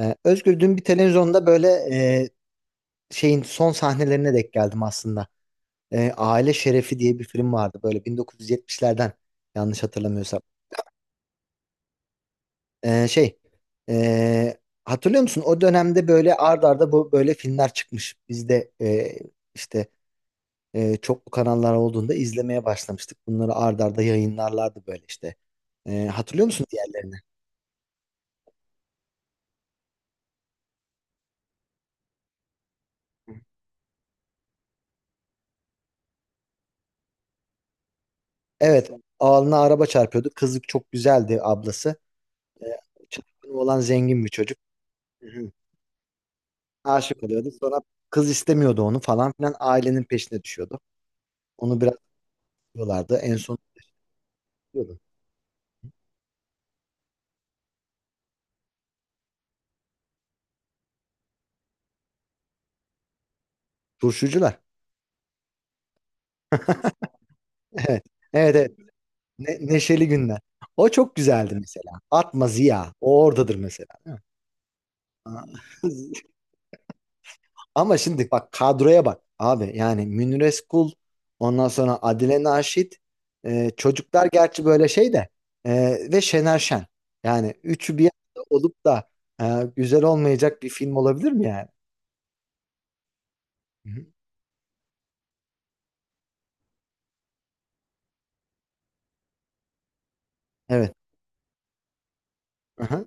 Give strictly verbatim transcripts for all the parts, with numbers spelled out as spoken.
Ee, Özgür, dün bir televizyonda böyle e, şeyin son sahnelerine denk geldim aslında. Ee, Aile Şerefi diye bir film vardı böyle bin dokuz yüz yetmişlerden, yanlış hatırlamıyorsam. Ee, şey e, hatırlıyor musun? O dönemde böyle ard arda bu böyle filmler çıkmış. Biz de e, işte, e, çoklu kanallar olduğunda izlemeye başlamıştık. Bunları ard arda yayınlarlardı böyle işte. Ee, hatırlıyor musun diğerlerini? Evet, alnına araba çarpıyordu. Kızlık çok güzeldi ablası. Ee, Çapkını olan zengin bir çocuk. Hı hı. Aşık oluyordu. Sonra kız istemiyordu onu falan filan. Ailenin peşine düşüyordu. Onu biraz tutuyorlardı. En son tutuyordu. Turşucular. Evet. Evet, evet. Ne- neşeli günler. O çok güzeldi mesela. Atma Ziya. O oradadır mesela. Aa. Ama şimdi bak kadroya, bak abi. Yani Münir Özkul, ondan sonra Adile Naşit, e, çocuklar gerçi böyle şey de, e, ve Şener Şen. Yani üçü bir arada olup da e, güzel olmayacak bir film olabilir mi yani? Hı hı. Evet. Aha.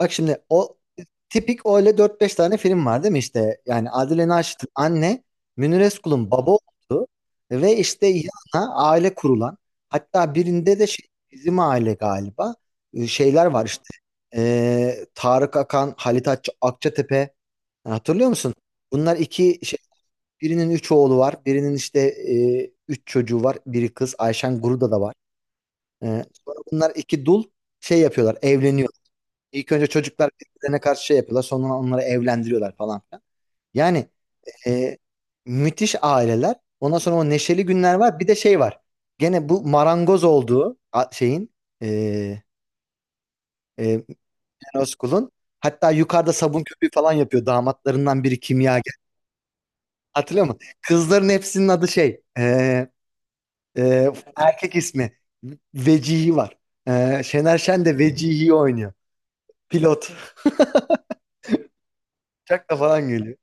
Bak şimdi o tipik öyle dört beş tane film var değil mi işte? Yani Adile Naşit'in anne, Münir Özkul'un baba olduğu ve işte yanına aile kurulan, hatta birinde de şey, bizim aile galiba, e, şeyler var işte. Ee, Tarık Akan, Halit Akça- Akçatepe. Yani, hatırlıyor musun? Bunlar iki şey, birinin üç oğlu var, birinin işte, e, üç çocuğu var, biri kız, Ayşen Guruda da var. Ee, sonra bunlar iki dul şey yapıyorlar, evleniyor. İlk önce çocuklar birbirlerine karşı şey yapıyorlar. Sonra onları evlendiriyorlar falan filan. Yani, e, müthiş aileler. Ondan sonra o neşeli günler var. Bir de şey var. Gene bu marangoz olduğu a- şeyin, e, e, Eroskul'un, hatta yukarıda sabun köpüğü falan yapıyor. Damatlarından biri kimyager. Hatırlıyor musun? Kızların hepsinin adı şey, e, e, erkek ismi. Vecihi var. E, Şener Şen de Vecihi'yi oynuyor. Pilot. Uçakla falan geliyor.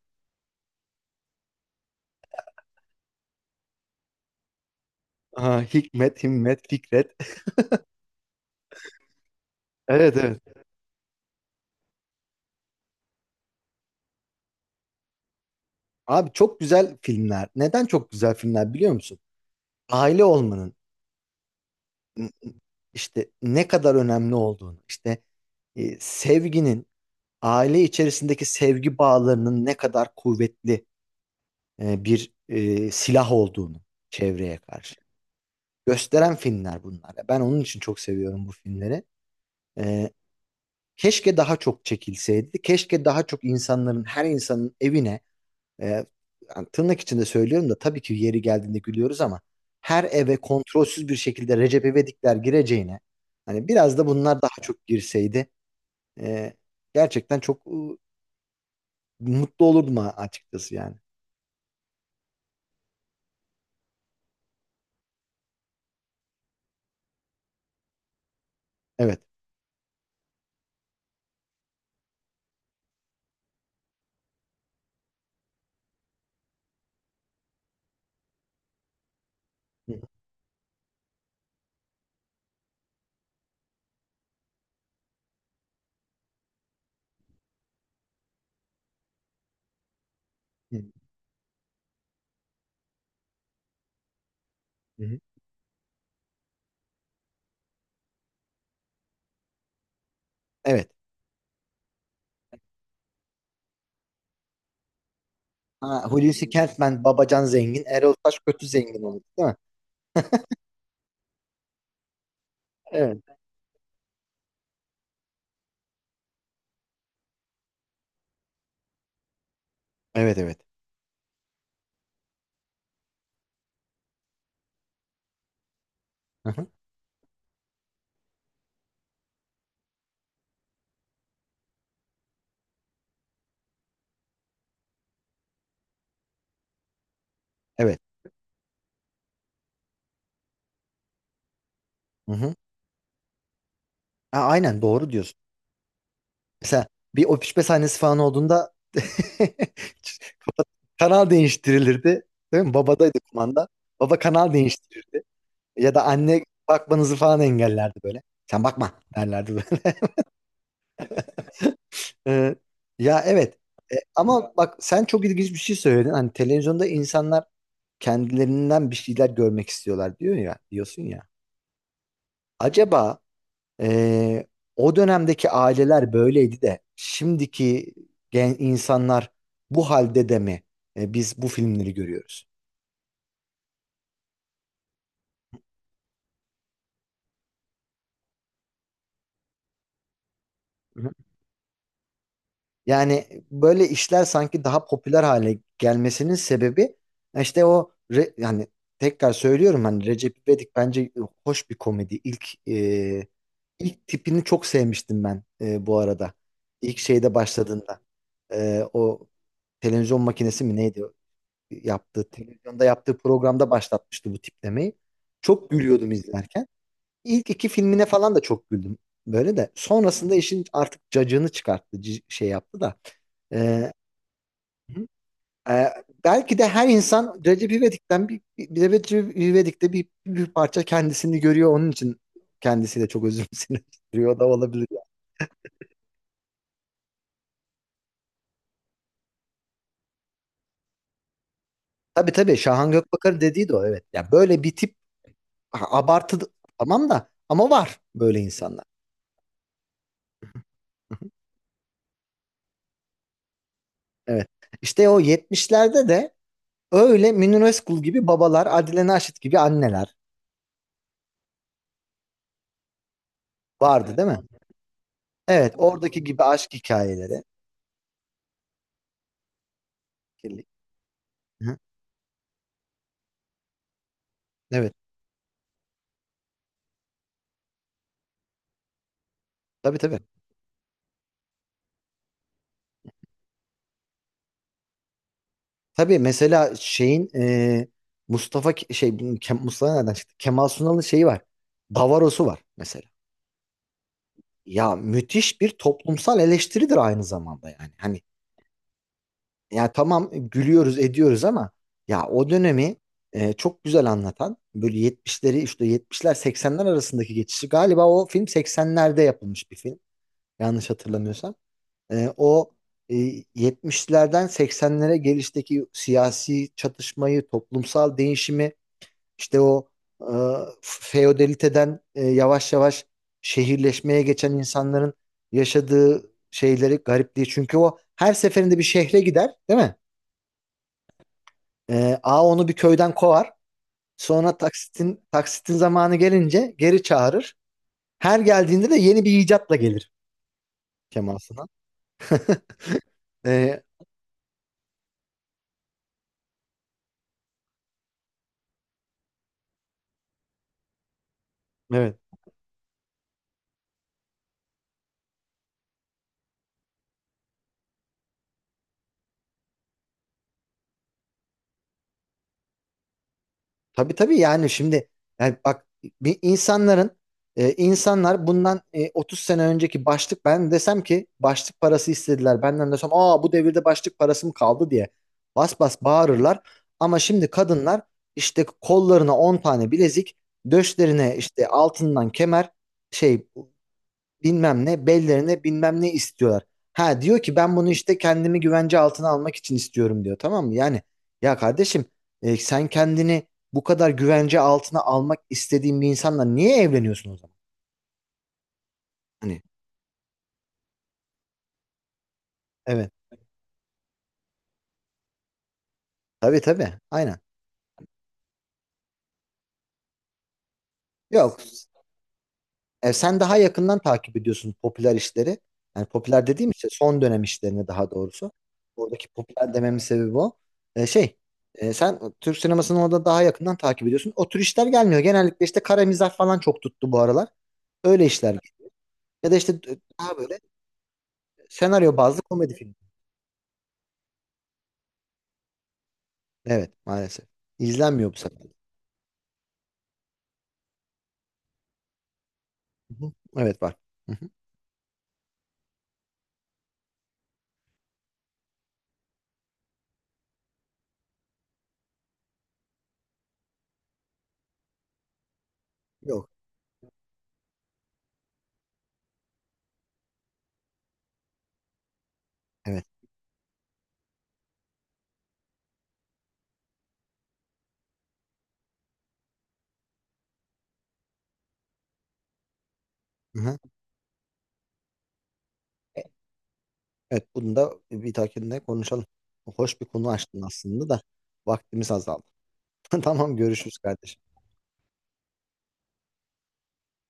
Aha, Hikmet, Himmet, Fikret. Evet, evet. Abi, çok güzel filmler. Neden çok güzel filmler biliyor musun? Aile olmanın, m, işte ne kadar önemli olduğunu, işte e, sevginin, aile içerisindeki sevgi bağlarının ne kadar kuvvetli e, bir e, silah olduğunu çevreye karşı gösteren filmler bunlar. Ben onun için çok seviyorum bu filmleri. E, Keşke daha çok çekilseydi. Keşke daha çok insanların, her insanın evine... E, Yani, tırnak içinde söylüyorum da tabii ki yeri geldiğinde gülüyoruz ama, her eve kontrolsüz bir şekilde Recep İvedikler gireceğine, hani biraz da bunlar daha çok girseydi, e, gerçekten çok e, mutlu olurdum, a- açıkçası yani. Evet. Hı hı. Hı hı. Evet. Ha, Hulusi Kentmen babacan zengin. Erol Taş kötü zengin olur değil mi? Evet. Evet, evet. Hı hı. Evet. Hı hı. Ha, aynen, doğru diyorsun. Mesela bir öpüşme sahnesi falan olduğunda kanal değiştirilirdi. Değil mi? Babadaydı kumanda. Baba kanal değiştirirdi. Ya da anne bakmanızı falan engellerdi böyle. Sen bakma derlerdi. Ee, ya, evet. E, ama bak, sen çok ilginç bir şey söyledin. Hani televizyonda insanlar kendilerinden bir şeyler görmek istiyorlar diyor ya, diyorsun ya. Acaba, e, o dönemdeki aileler böyleydi de, şimdiki gen insanlar bu halde de mi e, biz bu filmleri görüyoruz? Yani böyle işler sanki daha popüler hale gelmesinin sebebi, işte o re- yani, tekrar söylüyorum, hani Recep İvedik bence hoş bir komedi. İlk e, ilk tipini çok sevmiştim ben, e, bu arada. İlk şeyde başladığında, E, o televizyon makinesi mi neydi, yaptığı televizyonda yaptığı programda başlatmıştı bu tiplemeyi. Çok gülüyordum izlerken. İlk iki filmine falan da çok güldüm. Böyle de. Sonrasında işin artık cacığını çıkarttı. c- Şey yaptı da. Ee, e, Belki de her insan Recep İvedik'ten bir, bir bir- Recep İvedik'te bir, bir parça kendisini görüyor. Onun için kendisi de çok özümsüyor da olabilir. Yani. Tabii tabii, Şahan Gökbakar dediği de o, evet. Ya böyle bir tip a- abartı, tamam da, ama var böyle insanlar. Hı hı. Evet. İşte o yetmişlerde de öyle Münir Özkul gibi babalar, Adile Naşit gibi anneler vardı. Evet, değil mi? Evet, oradaki gibi aşk hikayeleri. Kirlilik. Hı. Evet, tabii tabii. Tabii, mesela şeyin, e, Mustafa Ke- şey Ke- Mustafa nereden çıktı? Kemal Sunal'ın şeyi var. Davaros'u var mesela. Ya müthiş bir toplumsal eleştiridir aynı zamanda, yani. Hani, ya tamam, gülüyoruz, ediyoruz ama, ya o dönemi e, çok güzel anlatan, böyle yetmişleri, işte yetmişler seksenler arasındaki geçişi, galiba o film seksenlerde yapılmış bir film. Yanlış hatırlamıyorsam. E, o e, yetmişlerden seksenlere gelişteki siyasi çatışmayı, toplumsal değişimi, işte o, e, feodaliteden, e, yavaş yavaş şehirleşmeye geçen insanların yaşadığı şeyleri, garipliği. Çünkü o her seferinde bir şehre gider, değil mi? E, A Onu bir köyden kovar. Sonra taksitin taksitin zamanı gelince geri çağırır. Her geldiğinde de yeni bir icatla gelir Kemal Sunal. E, evet. Tabii tabii, yani şimdi, yani bak, bir insanların e, insanlar bundan e, otuz sene önceki başlık... Ben desem ki başlık parası istediler benden, desem aa bu devirde başlık parası mı kaldı diye bas bas bağırırlar, ama şimdi kadınlar işte kollarına on tane bilezik, döşlerine işte altından kemer, şey, bilmem ne, bellerine bilmem ne istiyorlar. Ha, diyor ki ben bunu işte kendimi güvence altına almak için istiyorum, diyor, tamam mı? Yani, ya kardeşim, e, sen kendini bu kadar güvence altına almak istediğin bir insanla niye evleniyorsun o zaman? Hani, evet, tabii tabii, aynen. Yok. E, sen daha yakından takip ediyorsun popüler işleri. Yani popüler dediğim, işte son dönem işlerini, daha doğrusu. Buradaki popüler dememin sebebi o. E, şey, e, Sen Türk sinemasını orada daha yakından takip ediyorsun. O tür işler gelmiyor. Genellikle işte kara mizah falan çok tuttu bu aralar. Öyle işler. Ya da işte e, daha böyle senaryo bazlı komedi filmi. Evet, maalesef. İzlenmiyor bu sefer. Hı hı. Evet, var. Hı hı. Yok. Evet. Hı hı. E, Evet, bunu da bir dahakinde konuşalım. Hoş bir konu açtın aslında da vaktimiz azaldı. Tamam, görüşürüz kardeşim.